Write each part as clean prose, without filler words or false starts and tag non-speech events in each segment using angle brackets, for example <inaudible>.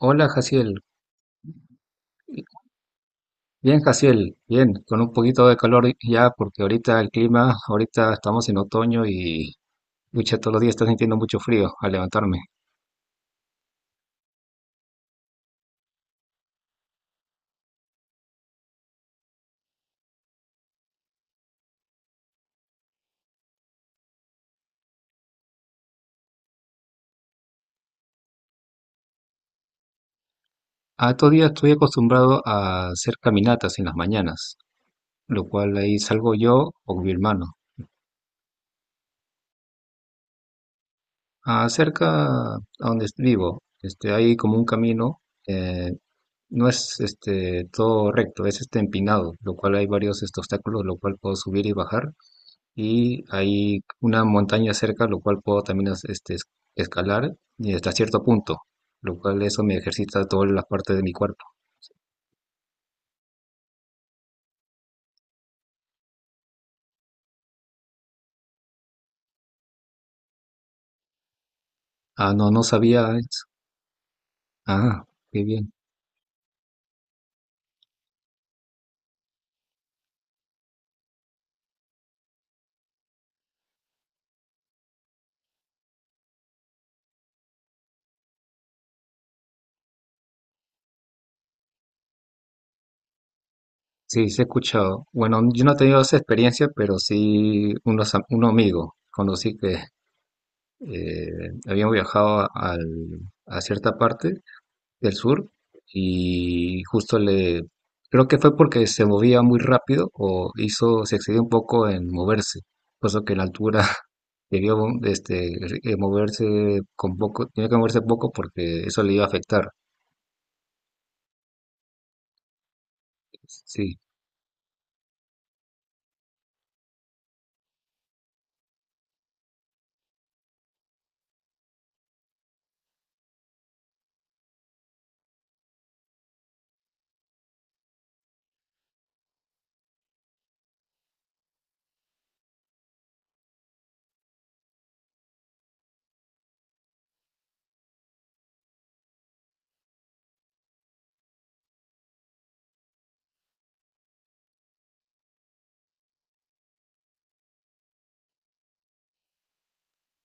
Hola, Jaciel. Bien, Jaciel, bien, con un poquito de calor ya, porque ahorita el clima, ahorita estamos en otoño y lucha todos los días está sintiendo mucho frío al levantarme. A estos días estoy acostumbrado a hacer caminatas en las mañanas, lo cual ahí salgo yo o mi hermano. Ah, cerca a donde vivo, hay como un camino, eh, no es este, todo recto, es este empinado, lo cual hay varios obstáculos, lo cual puedo subir y bajar y hay una montaña cerca, lo cual puedo también escalar y hasta cierto punto, lo cual eso me ejercita todas las partes de mi cuerpo. Ah, no, no sabía eso. Ah, qué bien. Sí, sí he escuchado. Bueno, yo no he tenido esa experiencia, pero sí un amigo conocí que eh, habían viajado a cierta parte del sur y justo le, creo que fue porque se movía muy rápido o hizo, se excedió un poco en moverse, puesto que la altura <laughs> debió este, moverse con poco, tenía que moverse poco porque eso le iba a afectar. Sí,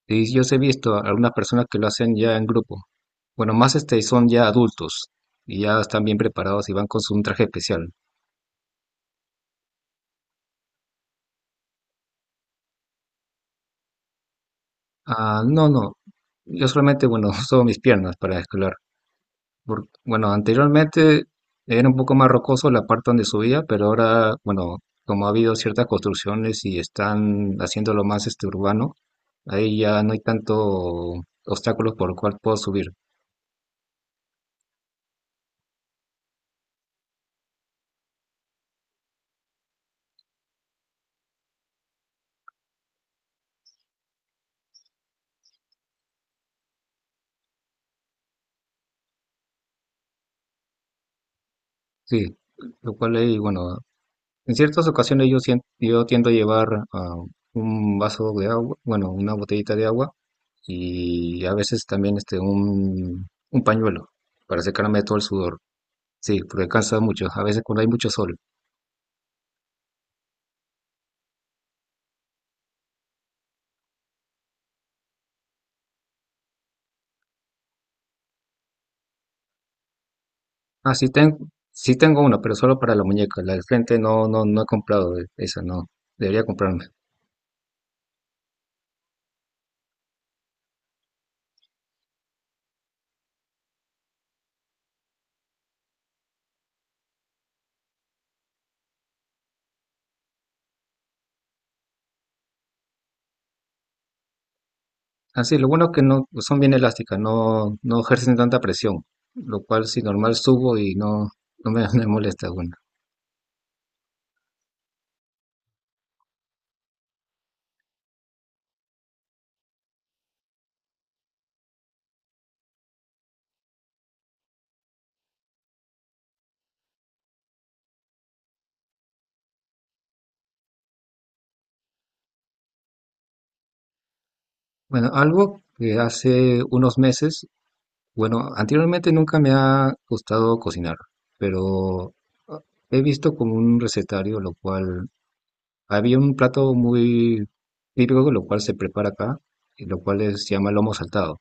y yo os he visto a algunas personas que lo hacen ya en grupo. Bueno, más este son ya adultos y ya están bien preparados y van con su, un traje especial. Ah, no, no, yo solamente, bueno, <laughs> uso mis piernas para escalar. Por- bueno, anteriormente era un poco más rocoso la parte donde subía, pero ahora, bueno, como ha habido ciertas construcciones y están haciéndolo más este urbano, ahí ya no hay tanto obstáculos por el cual puedo subir. Sí, lo cual ahí, bueno, en ciertas ocasiones yo, yo tiendo a llevar ah, un vaso de agua, bueno, una botellita de agua y a veces también un pañuelo para secarme todo el sudor. Sí, porque cansa mucho, a veces cuando hay mucho sol. Ah, sí, ten- sí tengo una, pero solo para la muñeca. La del frente no, no, no he comprado esa, no. Debería comprarme. Ah, sí. Lo bueno es que no pues son bien elásticas, no, no ejercen tanta presión, lo cual si normal subo y no, no me, <laughs> me molesta. Bueno. Bueno, algo que hace unos meses, bueno, anteriormente nunca me ha gustado cocinar, pero ah, he visto como un recetario, lo cual había un plato muy típico, lo cual se prepara acá, y lo cual se llama lomo saltado.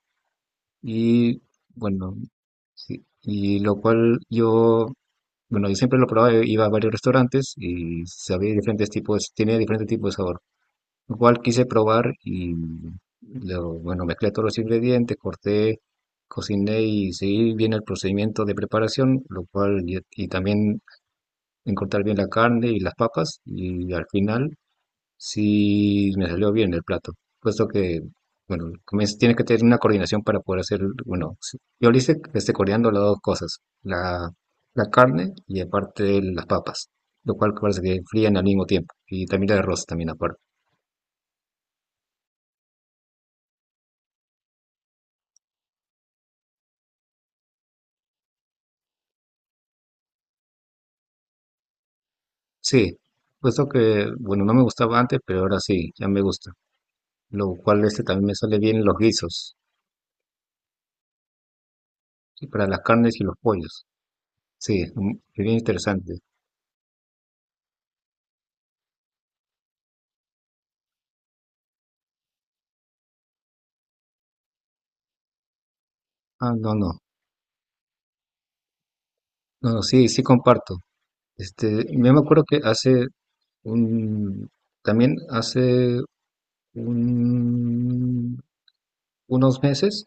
Y bueno, sí, y lo cual yo, bueno, yo siempre lo probaba, iba a varios restaurantes y sabía diferentes tipos, tenía diferentes tipos de sabor. Lo cual quise probar y bueno, mezclé todos los ingredientes, corté, cociné y seguí bien el procedimiento de preparación, lo cual, y también en cortar bien la carne y las papas y al final sí, me salió bien el plato, puesto que, bueno, tiene que tener una coordinación para poder hacer, bueno, sí. Yo lo hice coordinando las dos cosas, la carne y aparte las papas, lo cual parece que frían al mismo tiempo, y también el arroz también aparte. Sí, puesto que, bueno, no me gustaba antes, pero ahora sí, ya me gusta, lo cual este también me sale bien los guisos, y para las carnes y los pollos. Sí, mm, bien interesante. Ah, no, sí, sí comparto. Este, yo me acuerdo que un- también un- unos meses,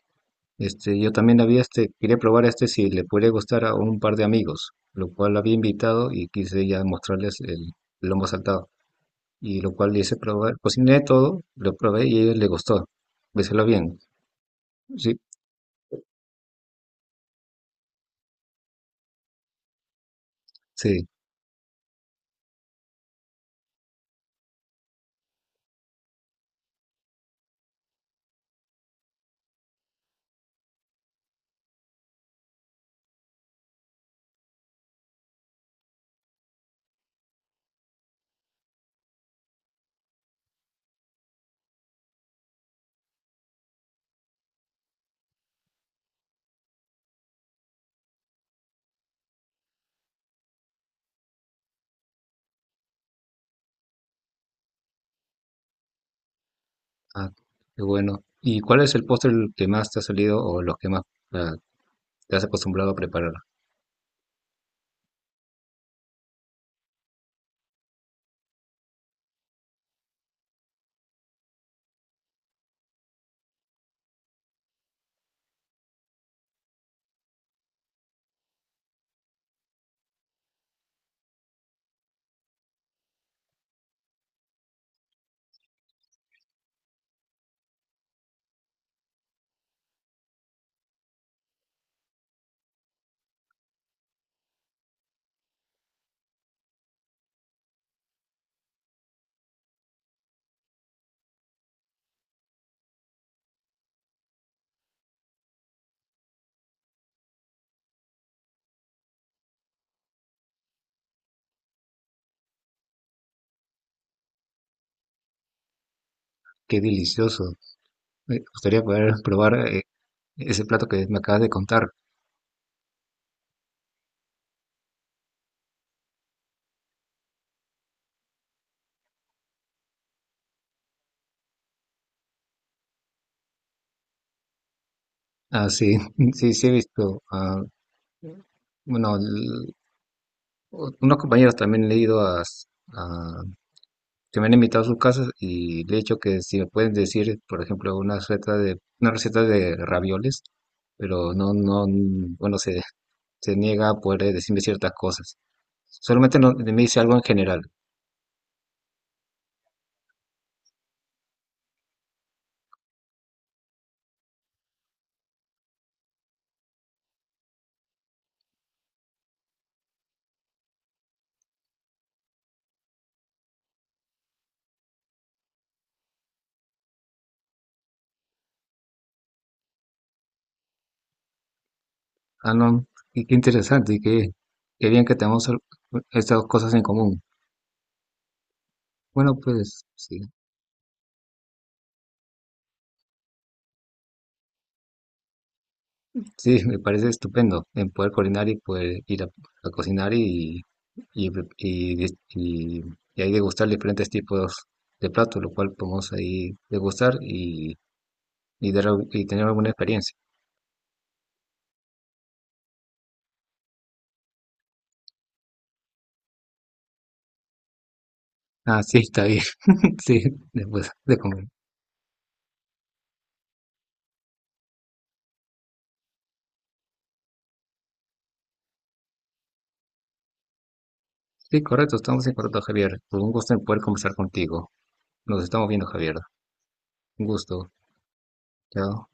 este, yo también había este, quería probar este si le podría gustar a un par de amigos, lo cual había invitado y quise ya mostrarles el lomo saltado. Y lo cual le hice probar, cociné todo, lo probé y a ellos les gustó. Béselo bien. Sí, sí. Ah, qué bueno. ¿Y cuál es el postre el que más te ha salido o los que más ah, te has acostumbrado a preparar? Qué delicioso. Me gustaría poder probar ese plato que me acabas de contar. Ah, sí, <laughs> sí, sí he visto. Ah, bueno, unos compañeros también le he ido a- que me han invitado a sus casas y le he dicho que si me pueden decir, por ejemplo, una receta de ravioles, pero no, bueno, se niega a poder decirme ciertas cosas. Solamente me dice algo en general. Ah, no, y qué interesante y qué, qué bien que tenemos estas cosas en común. Bueno, pues, sí. Sí, me parece estupendo en poder coordinar y poder ir a cocinar y, y, dis- y- y ahí degustar diferentes tipos de platos, lo cual podemos ahí degustar y, y tener alguna experiencia. Ah, sí, está bien. <laughs> Sí, después de comer. Sí, correcto, estamos en correcto, Javier. Pues un gusto en poder conversar contigo. Nos estamos viendo, Javier. Un gusto. Chao.